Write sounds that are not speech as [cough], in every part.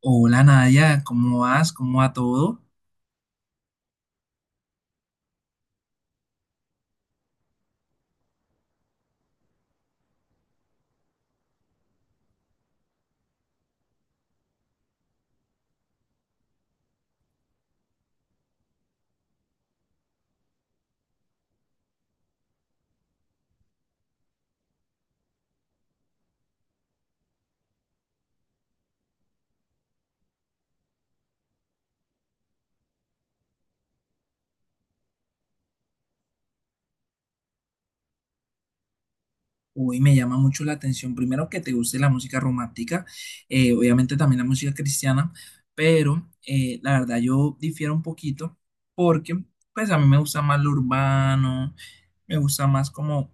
Hola Nadia, ¿cómo vas? ¿Cómo va todo? Uy, me llama mucho la atención. Primero que te guste la música romántica, obviamente también la música cristiana, pero la verdad yo difiero un poquito porque pues a mí me gusta más lo urbano, me gusta más como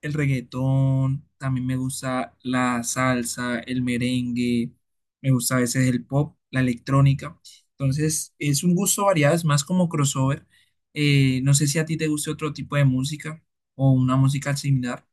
el reggaetón, también me gusta la salsa, el merengue, me gusta a veces el pop, la electrónica. Entonces es un gusto variado, es más como crossover. No sé si a ti te guste otro tipo de música o una música similar.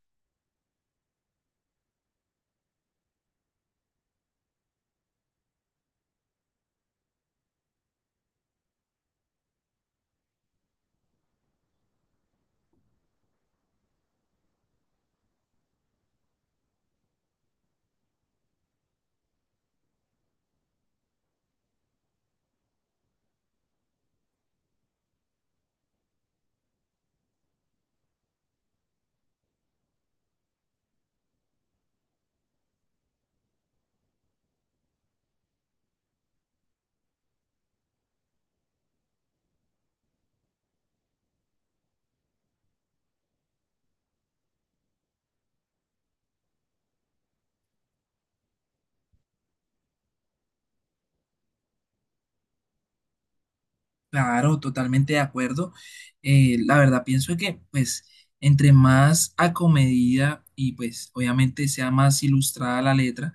Claro, totalmente de acuerdo. La verdad, pienso que, pues, entre más acomedida y, pues, obviamente sea más ilustrada la letra,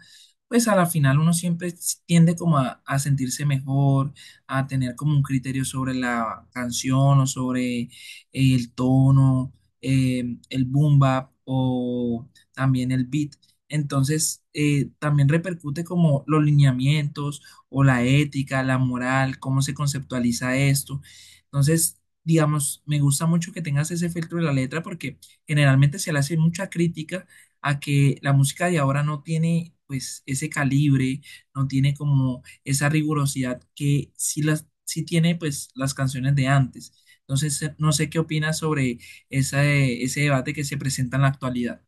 pues, a la final uno siempre tiende como a sentirse mejor, a tener como un criterio sobre la canción o sobre el tono, eh, el boom bap o también el beat. Entonces, también repercute como los lineamientos o la ética, la moral, cómo se conceptualiza esto. Entonces, digamos, me gusta mucho que tengas ese filtro de la letra porque generalmente se le hace mucha crítica a que la música de ahora no tiene pues ese calibre, no tiene como esa rigurosidad que sí las sí tiene pues las canciones de antes. Entonces, no sé qué opinas sobre ese debate que se presenta en la actualidad.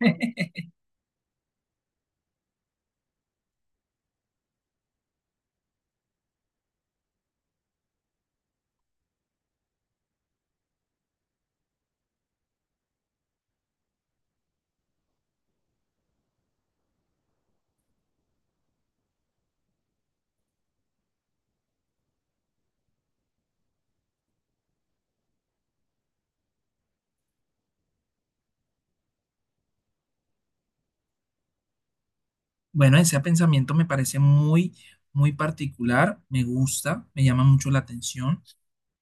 [laughs] Bueno, ese pensamiento me parece muy, muy particular, me gusta, me llama mucho la atención.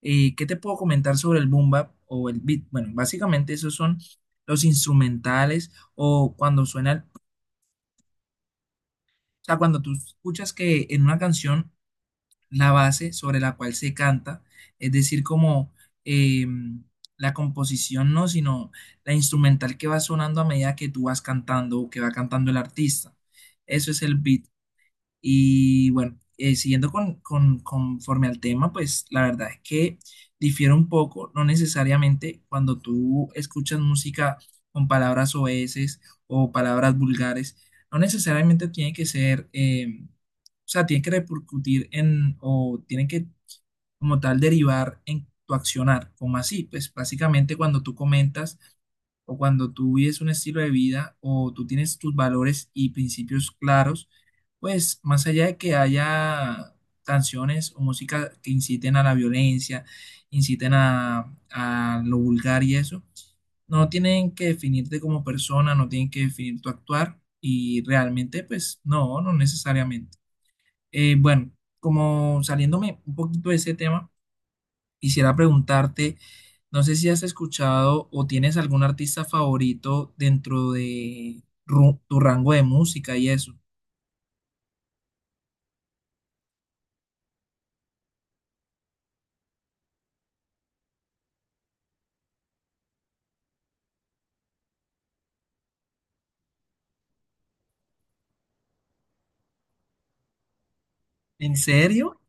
¿Qué te puedo comentar sobre el boom bap o el beat? Bueno, básicamente esos son los instrumentales o cuando suena, o sea, cuando tú escuchas que en una canción la base sobre la cual se canta, es decir, como eh, la composición, no, sino la instrumental que va sonando a medida que tú vas cantando o que va cantando el artista. Eso es el beat. Y bueno, siguiendo con, conforme al tema, pues la verdad es que difiere un poco, no necesariamente cuando tú escuchas música con palabras oeses o palabras vulgares, no necesariamente tiene que ser, o sea, tiene que repercutir en, o tiene que como tal derivar en tu accionar, como así, pues básicamente cuando tú comentas o cuando tú vives un estilo de vida o tú tienes tus valores y principios claros, pues más allá de que haya canciones o música que inciten a la violencia, inciten a lo vulgar y eso, no tienen que definirte como persona, no tienen que definir tu actuar y realmente pues no, no necesariamente. Eh, bueno, como saliéndome un poquito de ese tema. Quisiera preguntarte, no sé si has escuchado o tienes algún artista favorito dentro de tu rango de música y eso. ¿En serio?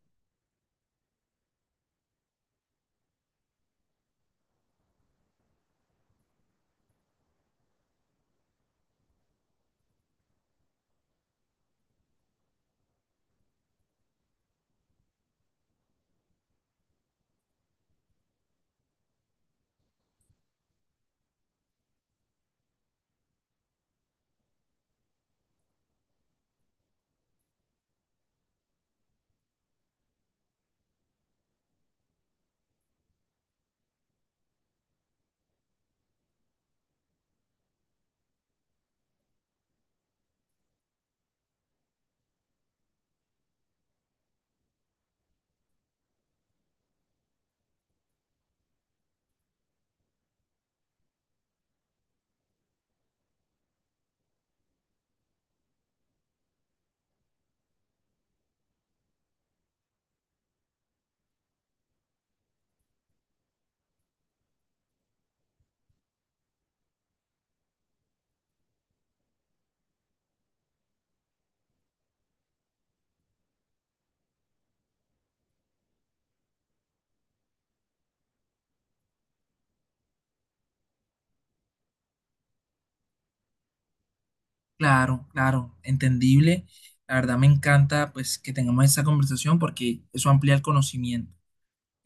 Claro, claro, entendible. La verdad me encanta pues que tengamos esta conversación porque eso amplía el conocimiento.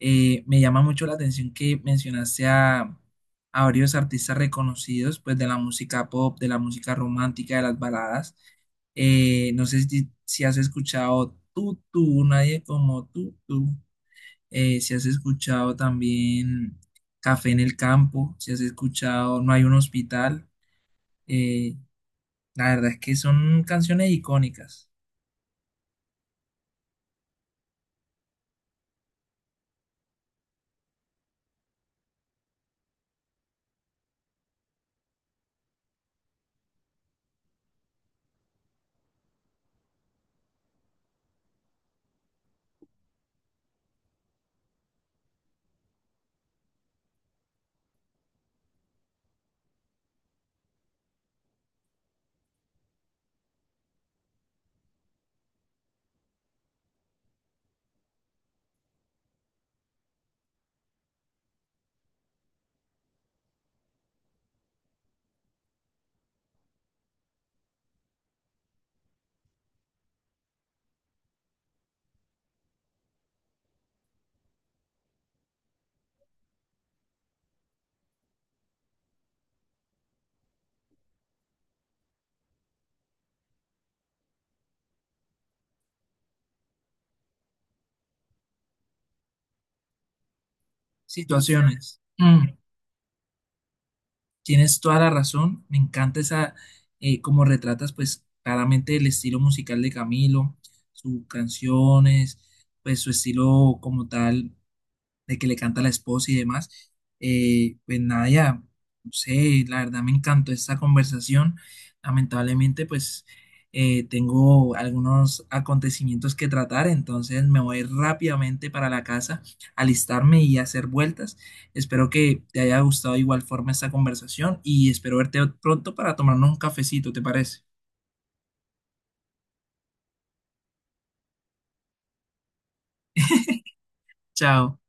Me llama mucho la atención que mencionaste a varios artistas reconocidos, pues de la música pop, de la música romántica, de las baladas. No sé si, si has escuchado Tú, Tú, Nadie como Tú, Tú. Si has escuchado también Café en el Campo, si has escuchado No hay un hospital. Eh, la verdad es que son canciones icónicas. Sí, situaciones. Mm. Tienes toda la razón, me encanta esa, cómo retratas pues claramente el estilo musical de Camilo, sus canciones, pues su estilo como tal de que le canta a la esposa y demás. Pues nada, ya no sé, la verdad me encantó esta conversación. Lamentablemente, pues tengo algunos acontecimientos que tratar, entonces me voy rápidamente para la casa, alistarme y hacer vueltas. Espero que te haya gustado de igual forma esta conversación y espero verte pronto para tomarnos un cafecito, ¿te parece? Chao.